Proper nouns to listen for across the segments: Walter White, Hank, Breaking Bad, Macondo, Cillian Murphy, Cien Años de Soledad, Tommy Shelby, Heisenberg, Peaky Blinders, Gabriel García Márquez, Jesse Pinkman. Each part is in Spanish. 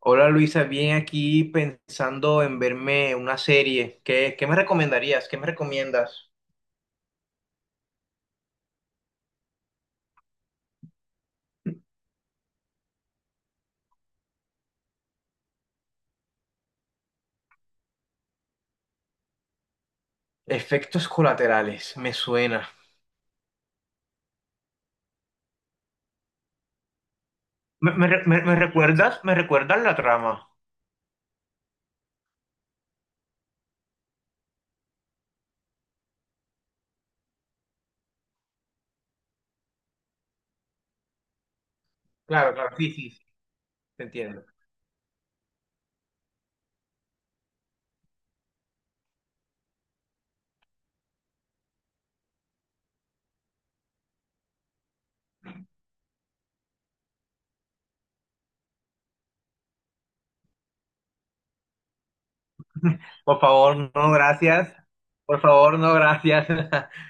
Hola Luisa, bien aquí pensando en verme una serie. ¿Qué me recomendarías? ¿Qué me recomiendas? Efectos colaterales, me suena. ¿Me recuerdas? ¿Me recuerdas la trama? Claro, claro, sí, sí, sí, te entiendo. Por favor, no, gracias. Por favor, no, gracias.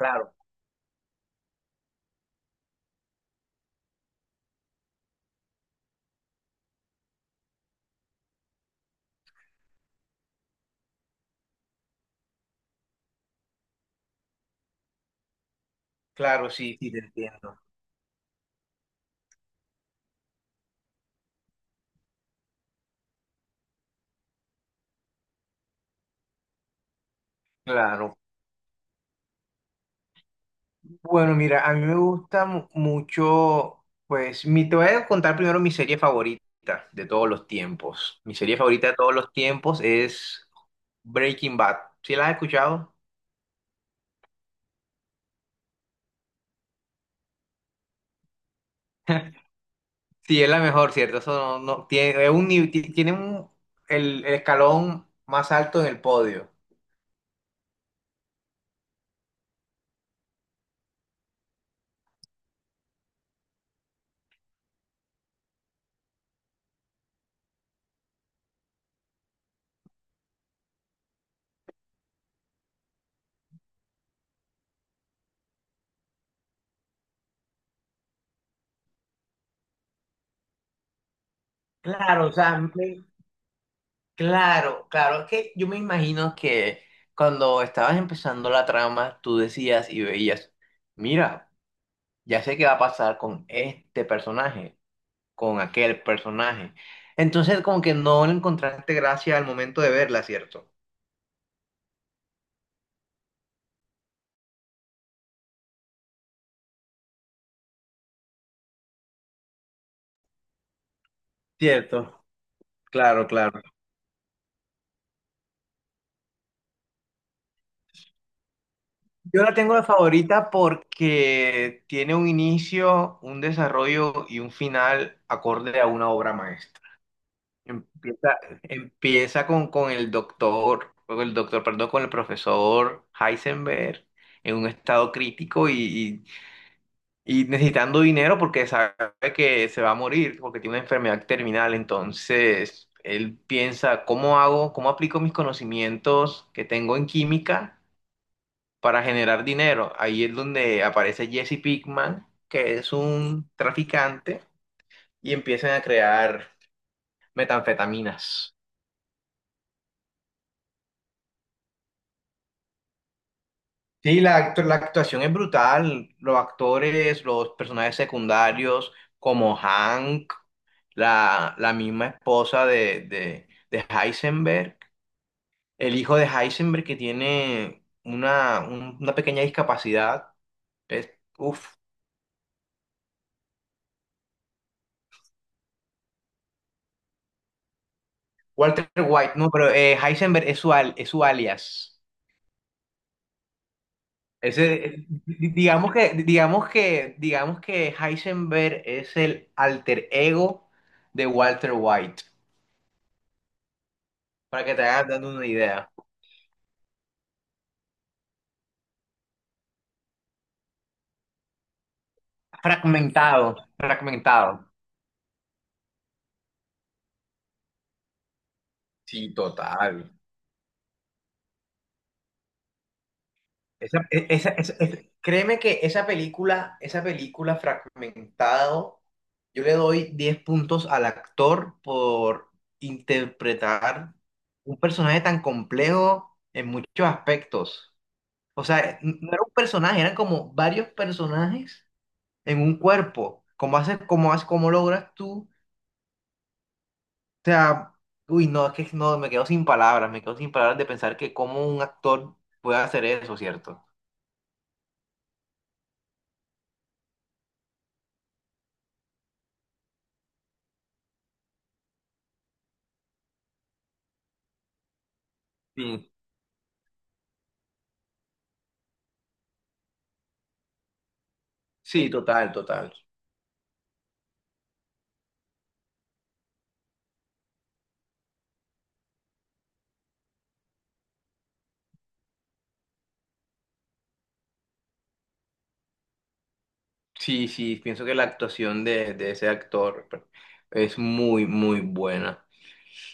Claro, claro, sí, sí, te entiendo. Claro. Bueno, mira, a mí me gusta mucho, pues, te voy a contar primero mi serie favorita de todos los tiempos. Mi serie favorita de todos los tiempos es Breaking Bad. ¿Sí la has escuchado? Sí, es la mejor, ¿cierto? Eso no, no- tiene, es un, nivel- ti- tiene el escalón más alto en el podio. Claro, o sea, claro, claro, es que yo me imagino que cuando estabas empezando la trama, tú decías y veías, mira. Ya sé qué va a pasar con este personaje, con aquel personaje. Entonces, como que no le encontraste gracia al momento de verla, ¿cierto? Cierto, claro, claro. Yo la tengo de favorita porque tiene un inicio, un desarrollo y un final acorde a una obra maestra. Empieza, empieza con el doctor, con el doctor, perdón, con el profesor Heisenberg en un estado crítico y necesitando dinero porque sabe que se va a morir, porque tiene una enfermedad terminal. Entonces, él piensa, ¿cómo hago, cómo aplico mis conocimientos que tengo en química para generar dinero? Ahí es donde aparece Jesse Pinkman, que es un traficante, y empiezan a crear metanfetaminas. Sí, la actuación es brutal. Los actores, los personajes secundarios, como Hank. La misma esposa de Heisenberg, el hijo de Heisenberg que tiene una pequeña discapacidad. Es, uf, Walter White, no, pero Heisenberg es su, es su alias. Digamos que Heisenberg es el alter ego de Walter White, para que te hagas dando una idea. Fragmentado, fragmentado. Sí, total. Créeme que esa película, fragmentado, yo le doy 10 puntos al actor por interpretar un personaje tan complejo en muchos aspectos. O sea, no era un personaje, eran como varios personajes en un cuerpo. ¿Cómo haces, cómo logras tú? O sea, uy, no, es que no, me quedo sin palabras, me quedo sin palabras de pensar que cómo un actor puede hacer eso, ¿cierto? Sí, sí, total, total. Sí, sí, pienso que la actuación de ese actor es muy, muy buena.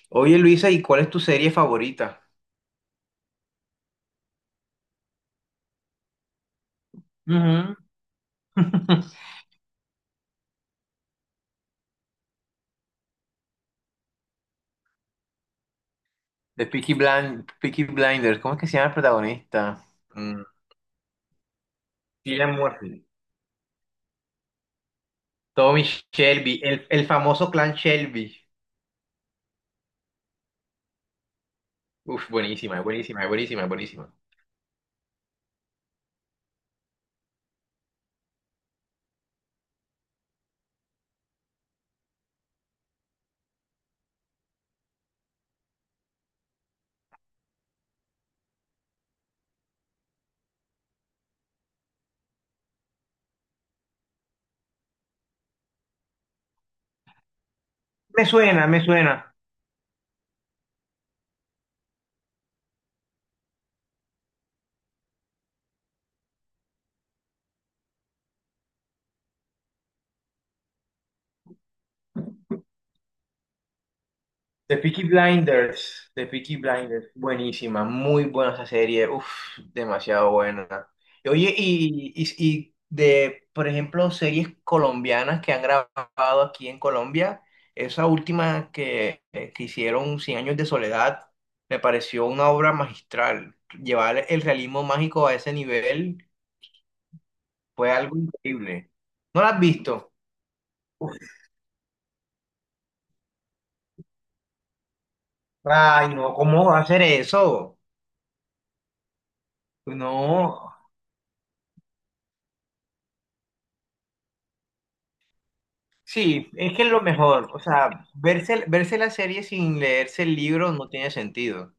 Oye, Luisa, ¿y cuál es tu serie favorita? Ujú. De Peaky Blinders, ¿cómo es que se llama el protagonista? Mm, Cillian Murphy. Tommy Shelby, el famoso clan Shelby. Uf, buenísima, buenísima, buenísima, buenísima. Me suena, me suena. The Peaky Blinders, The Peaky Blinders, buenísima, muy buena esa serie, uff, demasiado buena. Oye, y de, por ejemplo, series colombianas que han grabado aquí en Colombia, esa última que hicieron, Cien Años de Soledad, me pareció una obra magistral. Llevar el realismo mágico a ese nivel fue algo increíble. ¿No la has visto? Ay, no, ¿cómo va a hacer eso? No. Sí, es que es lo mejor. O sea, verse la serie sin leerse el libro no tiene sentido.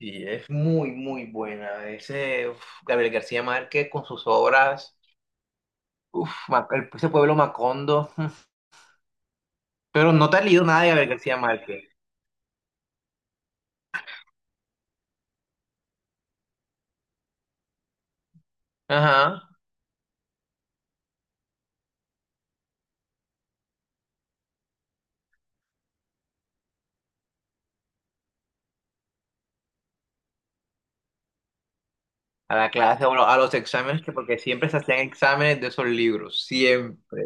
Y es muy, muy buena. Ese uf, Gabriel García Márquez con sus obras, uf, ese pueblo Macondo. Pero no te has leído nada de Gabriel García Márquez. Ajá. A la clase, a los exámenes, que porque siempre se hacían exámenes de esos libros. Siempre.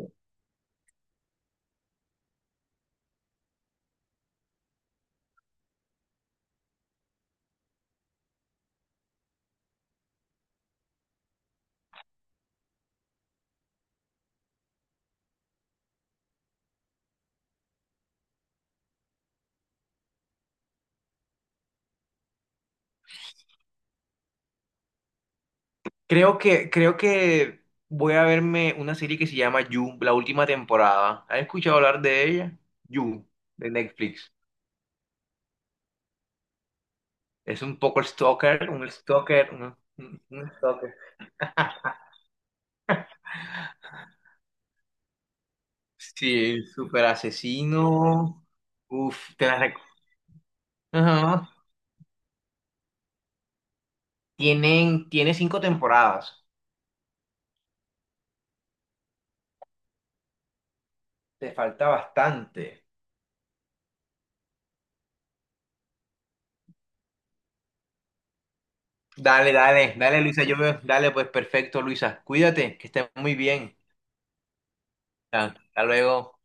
Creo que voy a verme una serie que se llama You, la última temporada. ¿Has escuchado hablar de ella? You, de Netflix. Es un poco stalker, un stalker, un stalker. Sí, super asesino. Uf, te la rec- Ajá. Tiene cinco temporadas. Te falta bastante. Dale, dale, dale, Luisa. Yo veo. Dale, pues perfecto, Luisa. Cuídate, que estés muy bien. Hasta luego.